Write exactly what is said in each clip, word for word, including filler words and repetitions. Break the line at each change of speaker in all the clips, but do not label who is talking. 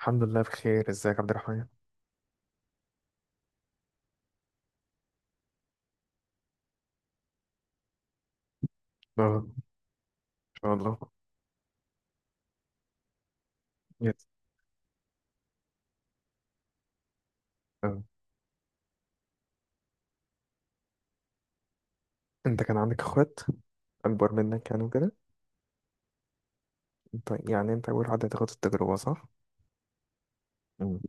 الحمد لله بخير، ازيك يا عبد الرحمن. اه، ان شاء الله. يس. اه، انت كان عندك اخوات اكبر منك يعني وكده؟ انت يعني انت اول حد هتاخد التجربة، صح؟ مم.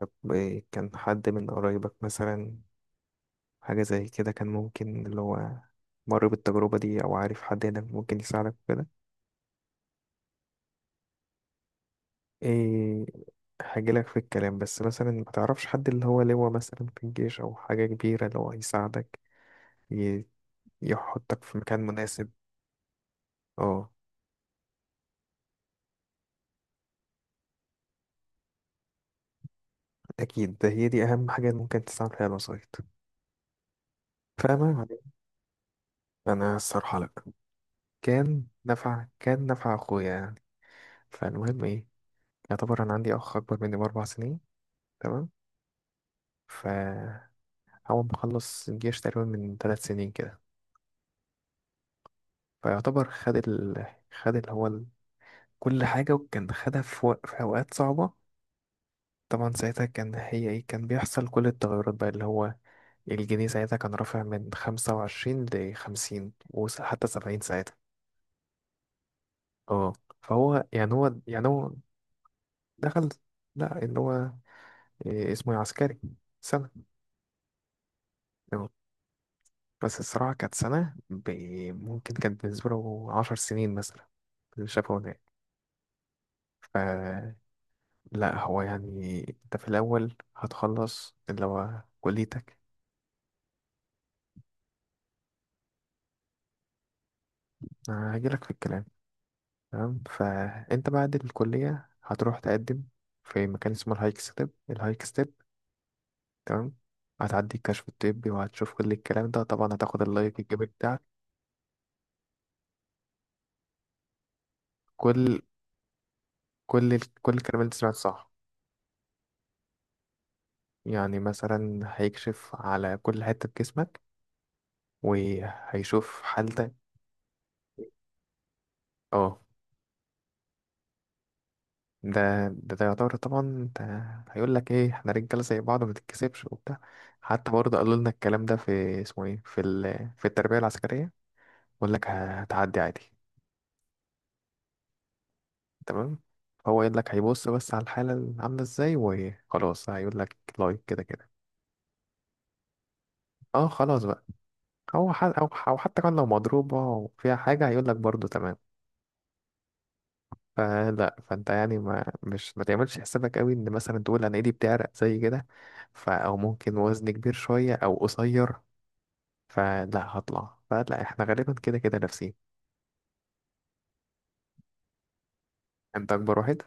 طب ايه، كان حد من قرايبك مثلا حاجة زي كده كان ممكن اللي هو مر بالتجربة دي، او عارف حد هنا ممكن يساعدك وكده؟ ايه، هجيلك في الكلام. بس مثلا ما تعرفش حد اللي هو لواء مثلا في الجيش او حاجة كبيرة اللي هو يساعدك، ي- يحطك في مكان مناسب. اه أكيد، ده هي دي أهم حاجة ممكن تستعمل فيها الوسايط، فاهمة يعني. أنا الصراحة لأ، كان نفع كان نفع أخويا يعني. فالمهم إيه، يعتبر أنا عندي أخ أكبر مني بأربع سنين. تمام، فهو مخلص الجيش تقريبا من ثلاث سنين كده. فيعتبر خد ال... خد اللي هو ال... كل حاجة، وكان خدها في، و... في أوقات صعبة. طبعا ساعتها كان هي إيه، كان بيحصل كل التغيرات بقى اللي هو الجنيه ساعتها كان رافع من خمسة وعشرين لخمسين وحتى سبعين ساعتها. اه، فهو يعني هو يعني هو دخل، لا اللي هو إيه اسمه إيه، عسكري سنة. اه. بس الصراحة كانت سنة ب- ممكن كانت بالنسبة له عشر سنين مثلا، اللي شافه هناك. فلا، هو يعني انت في الأول هتخلص اللي هو كليتك. أنا هجيلك في الكلام. تمام، فانت بعد الكلية هتروح تقدم في مكان اسمه الهايك ستيب، الهايك ستيب. تمام، هتعدي الكشف الطبي وهتشوف كل الكلام ده، طبعا هتاخد اللايك الجيب. كل كل ال- كل الكلام اللي أنت سمعته صح. يعني مثلا هيكشف على كل حتة في جسمك وهيشوف حالتك. اه، ده ده, ده يعتبر طبعا، ده هيقول لك ايه، احنا رجاله زي بعض، ما تتكسفش وبتاع. حتى برضه قالوا لنا الكلام ده في اسمه ايه، في ال... في التربية العسكرية. يقول لك هتعدي عادي. تمام، هو يقول لك هيبص بس على الحالة اللي عاملة ازاي، وخلاص هيقول لك لايك، كده كده. اه خلاص بقى. هو ح... او أو حتى كان لو مضروبة وفيها حاجة، هيقول لك برضه تمام. فلا، فانت يعني ما مش ما تعملش حسابك قوي ان مثلا تقول انا ايدي بتعرق زي كده، ف او ممكن وزني كبير شويه او قصير. فلا هطلع، فلا احنا غالبا كده كده نفسي. انت اكبر واحد؟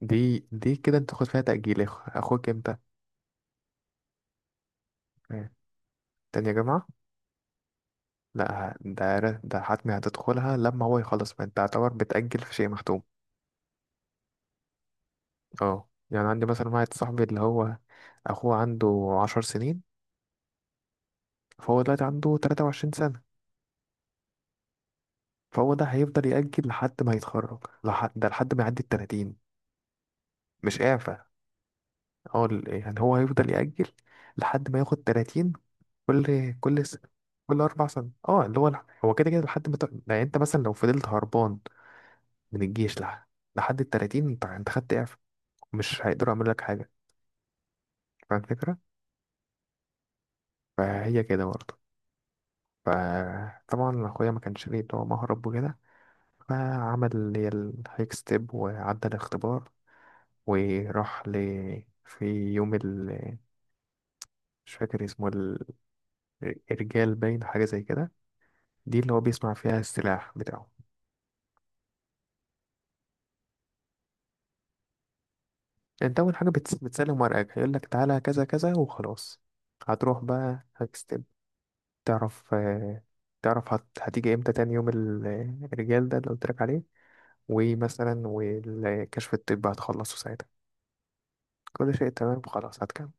دي دي كده انت تاخد فيها تأجيل. يا أخ- اخوك امتى؟ آه، تانية جامعة. لا ه- ده ر- ده حتمي هتدخلها لما هو يخلص، فانت تعتبر بتأجل في شيء محتوم. اه، يعني عندي مثلا واحد صاحبي اللي هو اخوه عنده عشر سنين. فهو دلوقتي عنده تلاتة وعشرين سنة، فهو ده هيفضل يأجل لحد ما يتخرج لحد ده لحد ما يعدي التلاتين. مش إعفاء، هو ال- يعني هو هيفضل يأجل لحد ما ياخد تلاتين. كل كل س... كل أربع سنين، اه اللي هو الح- هو كده كده لحد ما ت... يعني أنت مثلا لو فضلت هربان من الجيش لح... لحد التلاتين، أنت أنت خدت إعفاء، مش هيقدروا يعملوا لك حاجة. فاهم الفكرة؟ فهي كده برضه. فطبعا أخويا ما كانش ليه اللي هو مهرب وكده، فعمل اللي هي الهيك ستيب وعدى الاختبار، وراح ل، في يوم ال، مش فاكر اسمه، الرجال باين حاجة زي كده، دي اللي هو بيصنع فيها السلاح بتاعه. انت أول حاجة بتس... بتسلم ورقك، هيقولك تعالى كذا كذا وخلاص. هتروح بقى هكستب، تعرف آه، تعرف هت... هتيجي امتى تاني يوم ال- الرجال ده اللي قلتلك عليه، ومثلا والكشف الطبي هتخلصه ساعتها، كل شيء تمام خلاص هتكمل.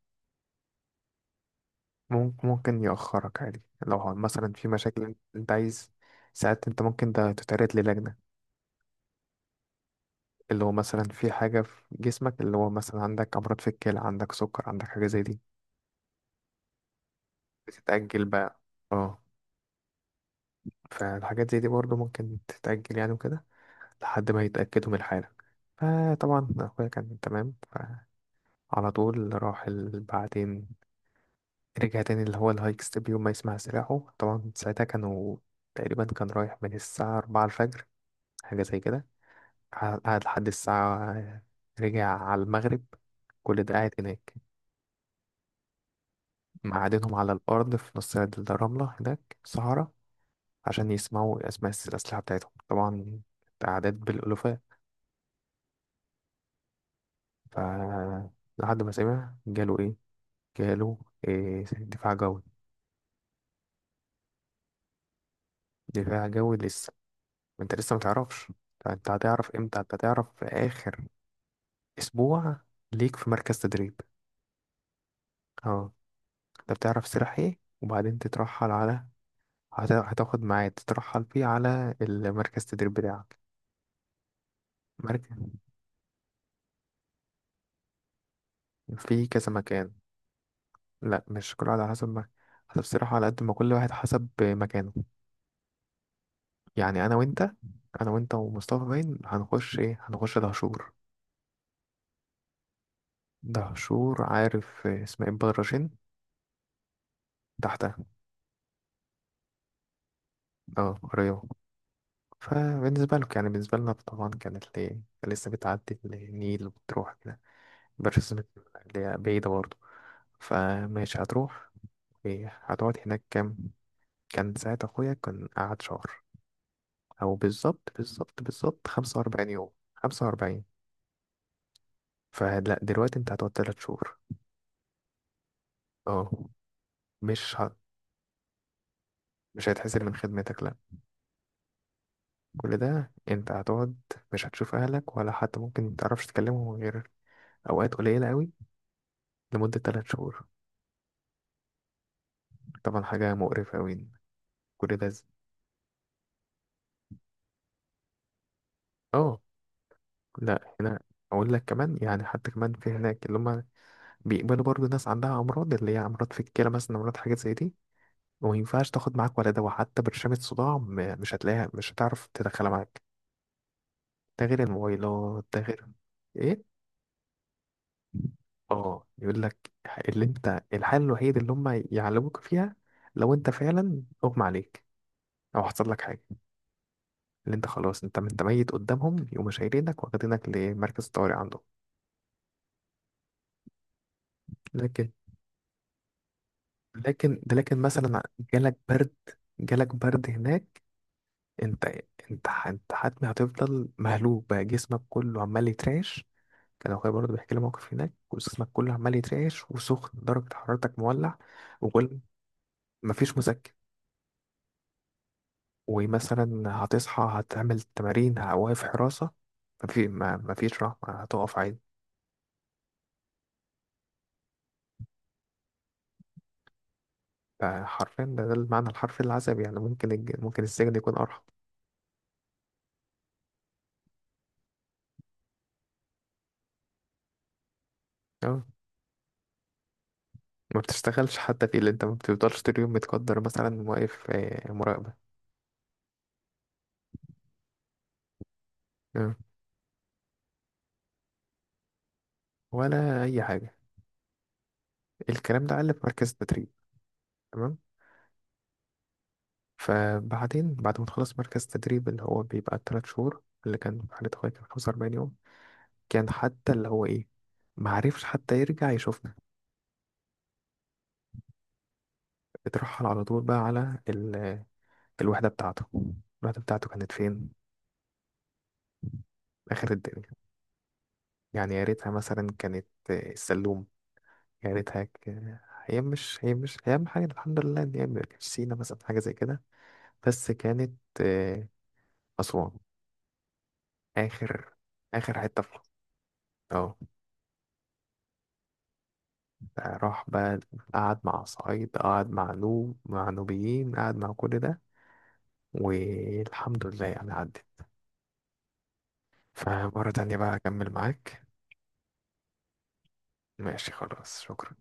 ممكن ممكن يأخرك عادي، لو مثلا في مشاكل انت عايز. ساعات انت ممكن ده تتعرض للجنة، اللي هو مثلا في حاجة في جسمك، اللي هو مثلا عندك أمراض في الكلى، عندك سكر، عندك حاجة زي دي، بتتأجل بقى. اه، فالحاجات زي دي برضه ممكن تتأجل يعني وكده، لحد ما يتأكدوا من الحالة. فطبعا أخويا كان تمام، فعلى طول راح ال- بعدين رجع تاني اللي هو الهايك ستيب، يوم ما يسمع سلاحه. طبعا ساعتها كانوا، تقريبا كان رايح من الساعة أربعة الفجر حاجة زي كده، قعد قعد لحد الساعة، رجع على المغرب، كل ده قاعد هناك، معادنهم على الأرض في نص الرملة هناك الصحراء، عشان يسمعوا أسماء الس- الأسلحة بتاعتهم طبعا، أعداد بالألوفات. ف لحد ما سمع جاله إيه؟ جاله إيه، دفاع جوي. دفاع جوي لسه، أنت لسه متعرفش. أنت هتعرف إمتى، أنت هتعرف في آخر أسبوع ليك في مركز تدريب. أه، أنت بتعرف سلاح إيه، وبعدين تترحل على، هت- هتاخد ميعاد تترحل فيه على المركز التدريب بتاعك. مركز في كذا مكان. لا مش كل واحد على حسب ما، حسب الصراحة على قد ما كل واحد حسب مكانه. يعني أنا وأنت، أنا وأنت ومصطفى باين هنخش إيه، هنخش دهشور. دهشور، عارف إسماعيل بدرشين؟ تحتها. أه رياض. فبالنسبة لك يعني، بالنسبة لنا طبعا كانت ليه، لسه بتعدي النيل وبتروح كده، مبقاش اسمك، اللي هي بعيدة برضه. فماشي هتروح إيه، هتقعد هناك كام. كان ساعة أخويا كان قعد شهر، أو بالظبط بالظبط بالظبط خمسة وأربعين يوم، خمسة وأربعين. فلا دلوقتي انت هتقعد تلات شهور. اه، مش ه... مش هيتحسن من خدمتك، لا. كل ده انت هتقعد مش هتشوف اهلك، ولا حتى ممكن متعرفش تكلمهم غير اوقات قليلة قوي، لمدة تلات شهور. طبعا حاجة مقرفة قوي. كل ده ز... اه لا هنا، اقول لك كمان يعني، حتى كمان في هناك اللي هم بيقبلوا برضو ناس عندها امراض، اللي هي امراض في الكلى مثلا، امراض حاجات زي دي، وما ينفعش تاخد معاك ولا دواء حتى برشامة صداع، م- مش هتلاقيها، مش هتعرف تدخلها معاك. ده غير الموبايلات، ده غير ايه. اه، يقول لك اللي انت الحل الوحيد اللي هم يعلموك فيها، لو انت فعلا اغمى عليك او حصل لك حاجه، اللي انت خلاص انت انت ميت قدامهم، يقوموا شايلينك واخدينك لمركز الطوارئ عندهم. لكن لكن ده لكن مثلا جالك برد، جالك برد هناك، انت انت انت حتمي هتفضل مهلوك بقى، جسمك كله عمال يترعش. كان اخويا برضه بيحكي لي موقف هناك، جسمك كله عمال يترعش وسخن درجه حرارتك مولع، وكل مفيش مسكن، ومثلا هتصحى هتعمل تمارين، ه- واقف حراسة، مفي ما مفيش رحمة، هتقف عادي. فحرفيا ده, ده المعنى الحرفي للعذاب يعني. ممكن الج- ممكن السجن يكون أرحم. اه، ما بتشتغلش حتى في، اللي انت ما بتفضلش طول اليوم، متقدر مثلا واقف آه، مراقبة. اه، ولا أي حاجة. الكلام ده قال في مركز التدريب. تمام، فبعدين بعد ما تخلص مركز التدريب، اللي هو بيبقى التلات شهور، اللي كان في حالة أخويا كان خمسة وأربعين يوم. كان حتى اللي هو إيه، معرفش حتى يرجع يشوفنا. بترحل على طول بقى على ال... الوحدة بتاعته. الوحدة بتاعته كانت فين؟ آخر الدنيا. يعني يا ريتها مثلا كانت آه، السلوم. يا ريتها ك- هي مش هي مش هي أهم حاجة الحمد لله إن هي ما كانتش سينا مثلا حاجة زي كده. بس كانت آه، أسوان. آخر آخر حتة في مصر. اه، راح بقى، قعد مع صعيد، قعد مع نوب، مع نوبيين، قعد مع كل ده، والحمد لله يعني عدت. فمرة تانية بقى أكمل معاك. ماشي خلاص، شكرا.